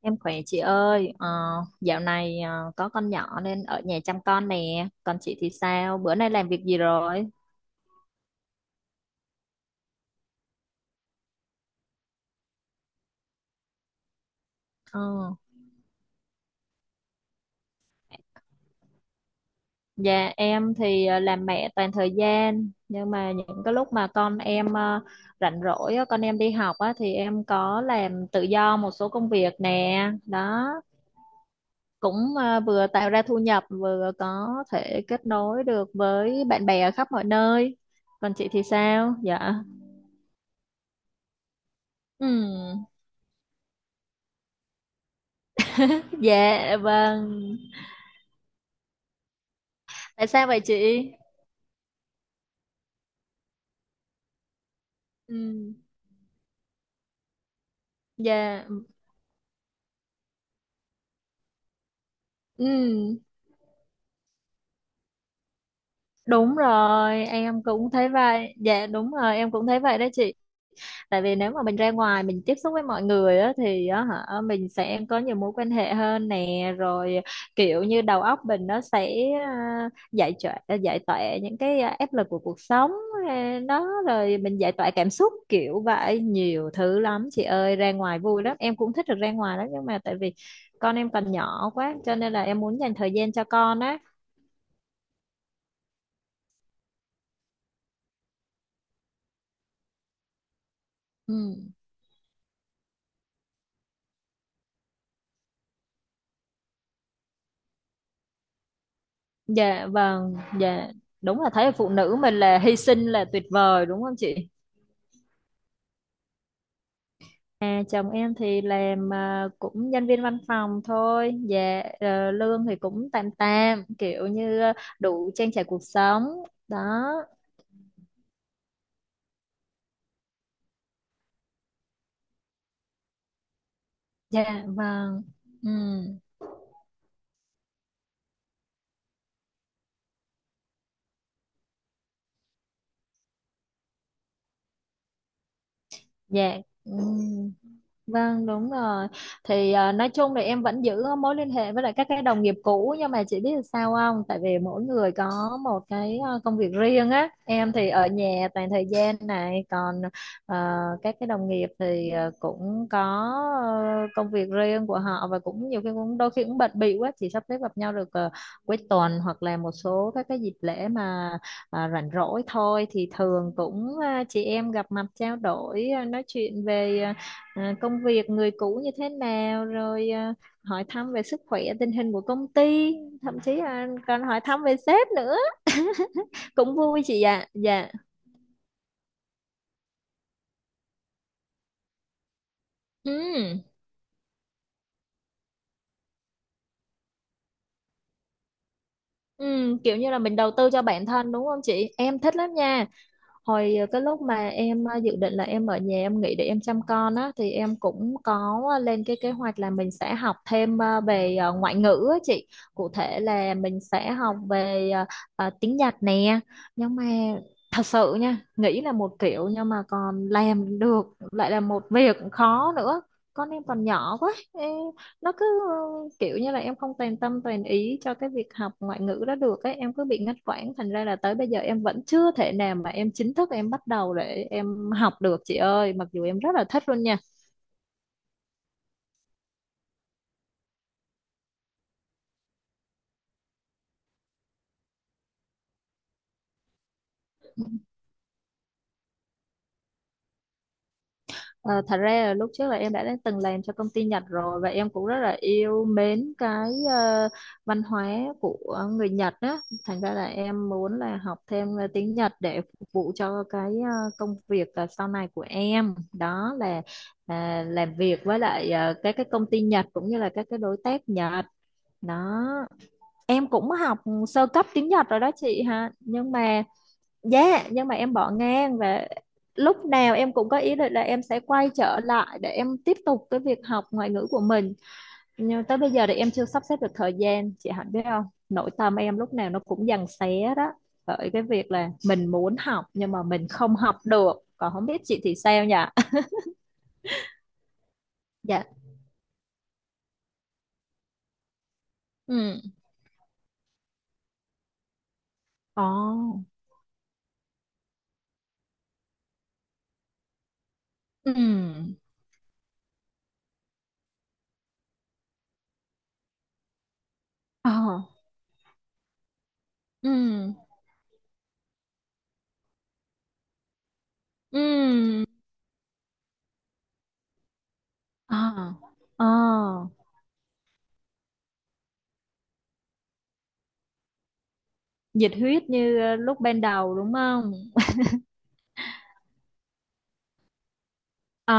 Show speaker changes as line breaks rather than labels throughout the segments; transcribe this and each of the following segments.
Em khỏe chị ơi, dạo này có con nhỏ nên ở nhà chăm con nè. Còn chị thì sao? Bữa nay làm việc gì rồi? Ờ, Dạ em thì làm mẹ toàn thời gian, nhưng mà những cái lúc mà con em rảnh rỗi á, con em đi học á, thì em có làm tự do một số công việc nè, đó cũng vừa tạo ra thu nhập, vừa có thể kết nối được với bạn bè ở khắp mọi nơi. Còn chị thì sao? Dạ. Ừ. Dạ vâng. Tại sao vậy chị? Ừ, dạ, ừ, đúng rồi, em cũng thấy vậy. Dạ, đúng rồi, em cũng thấy vậy đó chị. Tại vì nếu mà mình ra ngoài mình tiếp xúc với mọi người á thì á hả mình sẽ có nhiều mối quan hệ hơn nè, rồi kiểu như đầu óc mình nó sẽ giải tỏa, những cái áp lực của cuộc sống, đó rồi mình giải tỏa cảm xúc kiểu vậy, nhiều thứ lắm chị ơi, ra ngoài vui lắm, em cũng thích được ra ngoài lắm, nhưng mà tại vì con em còn nhỏ quá cho nên là em muốn dành thời gian cho con á. Ừ. Dạ vâng. Dạ. Đúng là thấy là phụ nữ mình là hy sinh là tuyệt vời đúng không chị? À, chồng em thì làm, cũng nhân viên văn phòng thôi. Dạ, lương thì cũng tạm tạm, kiểu như đủ trang trải cuộc sống đó. Dạ vâng, ừ, dạ, ừ. Vâng đúng rồi, thì nói chung là em vẫn giữ mối liên hệ với lại các cái đồng nghiệp cũ, nhưng mà chị biết là sao không, tại vì mỗi người có một cái công việc riêng á, em thì ở nhà toàn thời gian này, còn các cái đồng nghiệp thì cũng có công việc riêng của họ và cũng nhiều khi cũng đôi khi cũng bận bịu quá, chỉ sắp xếp gặp nhau được cuối tuần hoặc là một số các cái dịp lễ mà rảnh rỗi thôi, thì thường cũng chị em gặp mặt trao đổi, nói chuyện về công việc người cũ như thế nào, rồi hỏi thăm về sức khỏe tình hình của công ty, thậm chí là còn hỏi thăm về sếp nữa, cũng vui chị ạ. Dạ. Ừ. Ừ, kiểu như là mình đầu tư cho bản thân đúng không chị, em thích lắm nha. Hồi cái lúc mà em dự định là em ở nhà em nghỉ để em chăm con á, thì em cũng có lên cái kế hoạch là mình sẽ học thêm về ngoại ngữ á chị. Cụ thể là mình sẽ học về tiếng Nhật nè. Nhưng mà thật sự nha, nghĩ là một kiểu nhưng mà còn làm được lại là một việc khó nữa. Con em còn nhỏ quá. Ê, nó cứ kiểu như là em không toàn tâm toàn ý cho cái việc học ngoại ngữ đó được ấy, em cứ bị ngắt quãng, thành ra là tới bây giờ em vẫn chưa thể nào mà em chính thức em bắt đầu để em học được chị ơi, mặc dù em rất là thích luôn nha. Ờ, Thật ra là lúc trước là em đã từng làm cho công ty Nhật rồi, và em cũng rất là yêu mến cái văn hóa của người Nhật á. Thành ra là em muốn là học thêm tiếng Nhật để phục vụ cho cái công việc sau này của em. Đó là làm việc với lại các cái công ty Nhật cũng như là các cái đối tác Nhật. Đó. Em cũng học sơ cấp tiếng Nhật rồi đó chị ha. Nhưng mà Dạ, nhưng mà em bỏ ngang, và lúc nào em cũng có ý định là em sẽ quay trở lại để em tiếp tục cái việc học ngoại ngữ của mình. Nhưng tới bây giờ thì em chưa sắp xếp được thời gian, chị Hạnh biết không? Nội tâm em lúc nào nó cũng giằng xé đó. Bởi cái việc là mình muốn học nhưng mà mình không học được. Còn không biết chị thì sao nhỉ? Dạ. Ừ. Ồ. Ừ. Ờ. Ừ. Ừ. Ờ. Ờ. Nhiệt huyết như lúc ban đầu đúng không? Ờ.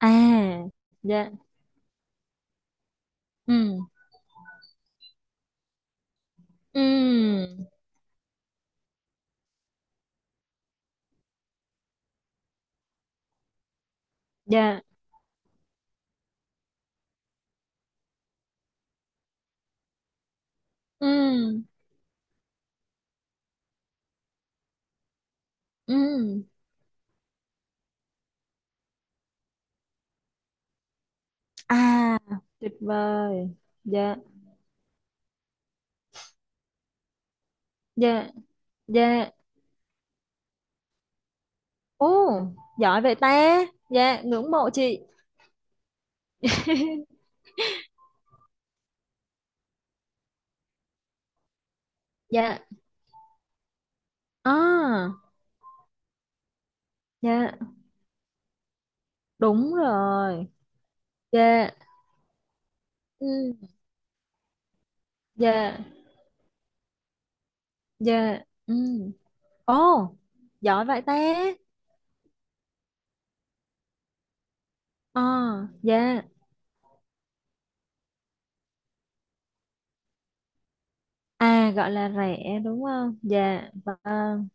À, dạ, ừ, ừ, dạ, ừ, ừ, à, tuyệt vời, dạ, dạ, dạ, ô, giỏi vậy ta, dạ, ngưỡng mộ chị. Dạ, à, dạ, đúng rồi, dạ, ừ, dạ, dạ, ừ, ồ, giỏi vậy ta, à, dạ, à, gọi là rẻ đúng không, dạ, vâng,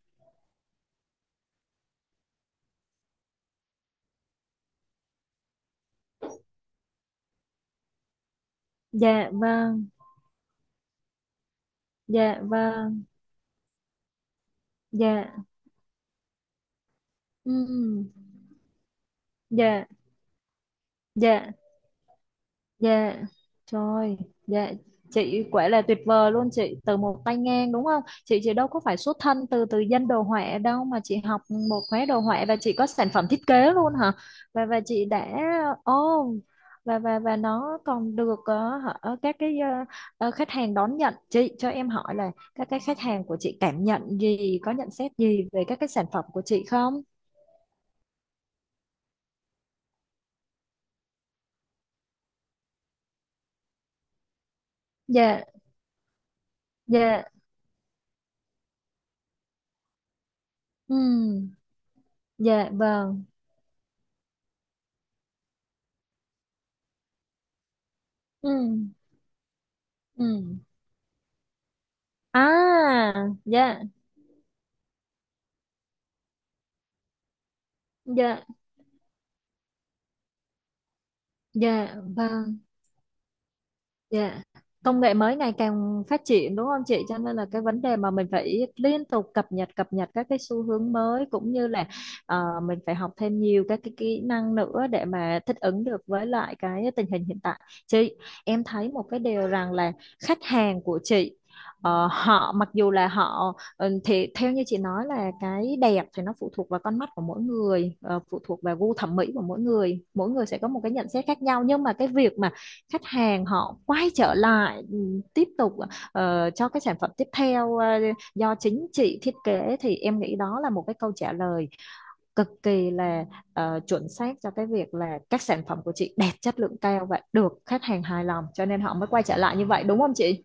dạ, vâng, dạ, vâng, dạ. Ừm, dạ, dạ, dạ, trời, dạ, chị quả là tuyệt vời luôn, chị từ một tay ngang đúng không chị đâu có phải xuất thân từ từ dân đồ họa đâu, mà chị học một khóa đồ họa và chị có sản phẩm thiết kế luôn hả? Và chị đã, ô, và nó còn được hả, các cái khách hàng đón nhận. Chị cho em hỏi là các cái khách hàng của chị cảm nhận gì, có nhận xét gì về các cái sản phẩm của chị không? Dạ. Dạ. Ừm, dạ vâng. Ừ. Ừ. À. Dạ. Dạ. Dạ vâng. Dạ. Công nghệ mới ngày càng phát triển đúng không chị? Cho nên là cái vấn đề mà mình phải liên tục cập nhật các cái xu hướng mới, cũng như là mình phải học thêm nhiều các cái kỹ năng nữa để mà thích ứng được với lại cái tình hình hiện tại. Chị, em thấy một cái điều rằng là khách hàng của chị, họ mặc dù là họ, thì theo như chị nói là cái đẹp thì nó phụ thuộc vào con mắt của mỗi người, phụ thuộc vào gu thẩm mỹ của mỗi người sẽ có một cái nhận xét khác nhau, nhưng mà cái việc mà khách hàng họ quay trở lại, tiếp tục cho cái sản phẩm tiếp theo do chính chị thiết kế, thì em nghĩ đó là một cái câu trả lời cực kỳ là chuẩn xác cho cái việc là các sản phẩm của chị đẹp, chất lượng cao và được khách hàng hài lòng, cho nên họ mới quay trở lại như vậy đúng không chị?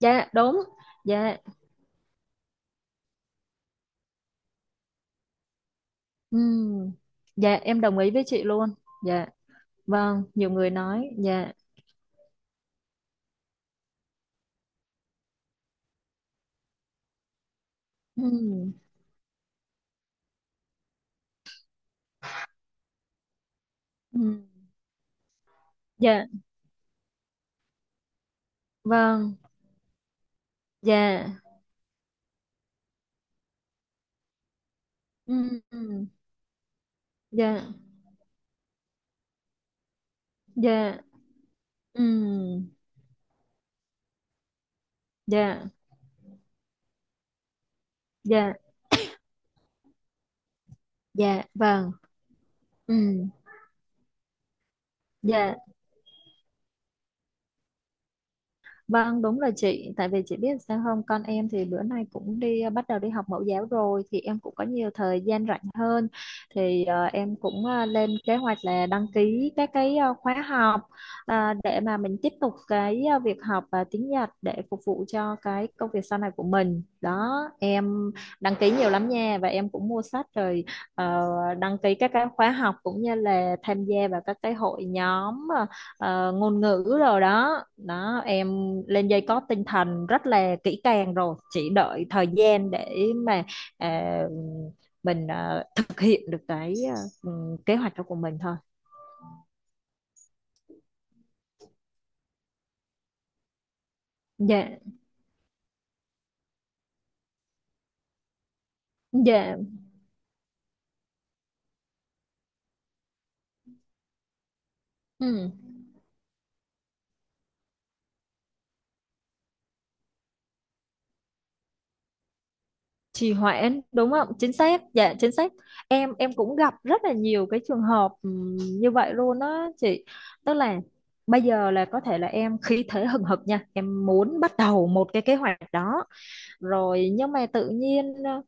Dạ đúng. Dạ. Ừm. Dạ em đồng ý với chị luôn. Dạ. Vâng, nhiều người nói, dạ. Ừm. Ừm. Dạ. Vâng. Dạ. Ừm. Ừm. Dạ. Dạ. Ừ, dạ, dạ, dạ, vâng, ừ, dạ. Vâng, đúng là chị, tại vì chị biết sao không, con em thì bữa nay cũng đi, bắt đầu đi học mẫu giáo rồi thì em cũng có nhiều thời gian rảnh hơn, thì em cũng lên kế hoạch là đăng ký các cái khóa học để mà mình tiếp tục cái việc học tiếng Nhật để phục vụ cho cái công việc sau này của mình. Đó, em đăng ký nhiều lắm nha, và em cũng mua sách rồi, ờ, đăng ký các cái khóa học cũng như là tham gia vào các cái hội nhóm ngôn ngữ rồi đó, đó em lên dây cót tinh thần rất là kỹ càng rồi, chỉ đợi thời gian để mà à, mình thực hiện được cái ừ, kế hoạch đó của mình thôi. Dạ. Dạ. Ừ. Trì hoãn đúng không, chính xác, dạ, chính xác. Em cũng gặp rất là nhiều cái trường hợp, như vậy luôn đó chị. Tức là bây giờ là có thể là em khí thế hừng hực nha, em muốn bắt đầu một cái kế hoạch đó rồi, nhưng mà tự nhiên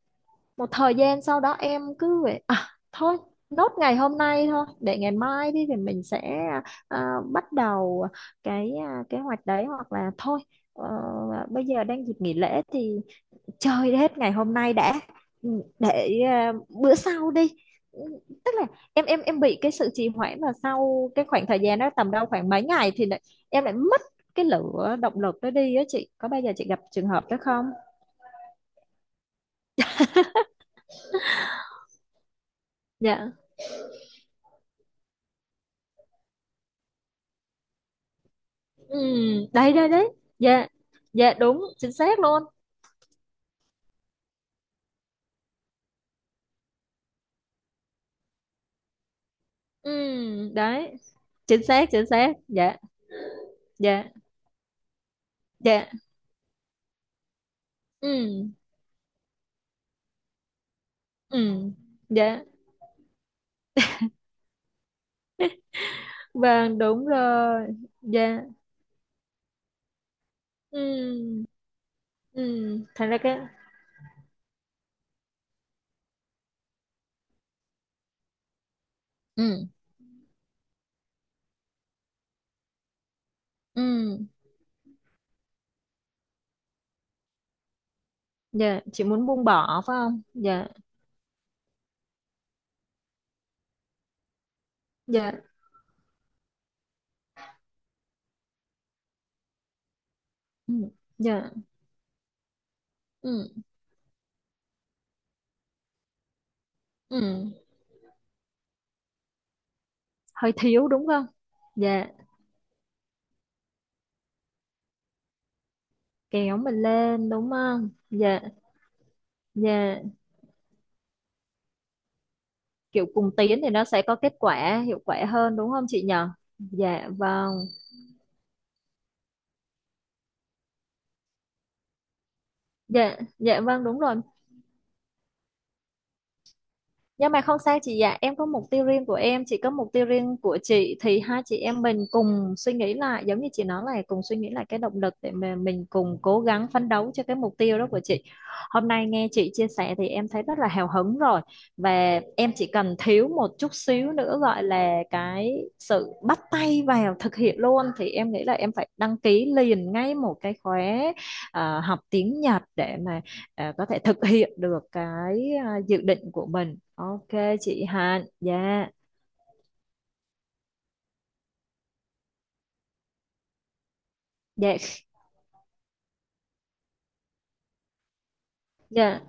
một thời gian sau đó em cứ vậy à, thôi, nốt ngày hôm nay thôi, để ngày mai đi thì mình sẽ bắt đầu cái kế hoạch đấy, hoặc là thôi ờ, bây giờ đang dịp nghỉ lễ thì chơi hết ngày hôm nay đã. Ừ, để bữa sau đi. Ừ, tức là em bị cái sự trì hoãn, và sau cái khoảng thời gian đó tầm đâu khoảng mấy ngày thì lại, em lại mất cái lửa động lực đó đi á, chị có bao giờ chị gặp trường hợp đó không? Dạ, ừ, đấy, đấy, đấy, dạ, dạ, đúng chính xác luôn, ừ, đấy, chính xác, chính xác, dạ, dạ, dạ, ừ, ừ, dạ vâng đúng rồi, dạ, ừ, ừ, thành ra cái, ừ, ừ, dạ, chị muốn buông bỏ phải không, dạ, dạ, ừ, dạ, ừ, ừ. Hơi thiếu đúng không, dạ, kéo mình lên đúng không, dạ, dạ, kiểu cùng tiến thì nó sẽ có kết quả hiệu quả hơn đúng không chị nhờ, dạ vâng, dạ, dạ vâng đúng rồi. Nhưng mà không sao chị ạ, em có mục tiêu riêng của em, chị có mục tiêu riêng của chị, thì hai chị em mình cùng suy nghĩ lại, giống như chị nói là cùng suy nghĩ lại cái động lực để mà mình cùng cố gắng phấn đấu cho cái mục tiêu đó của chị. Hôm nay nghe chị chia sẻ thì em thấy rất là hào hứng rồi, và em chỉ cần thiếu một chút xíu nữa, gọi là cái sự bắt tay vào thực hiện luôn, thì em nghĩ là em phải đăng ký liền ngay một cái khóa học tiếng Nhật để mà có thể thực hiện được cái dự định của mình, ok chị Hạnh. Dạ, dạ, dạ,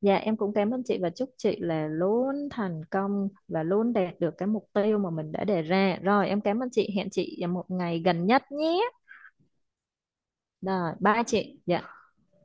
dạ, em cũng cảm ơn chị, và chúc chị là luôn thành công và luôn đạt được cái mục tiêu mà mình đã đề ra. Rồi em cảm ơn chị, hẹn chị vào một ngày gần nhất nhé. Rồi, bye chị, dạ.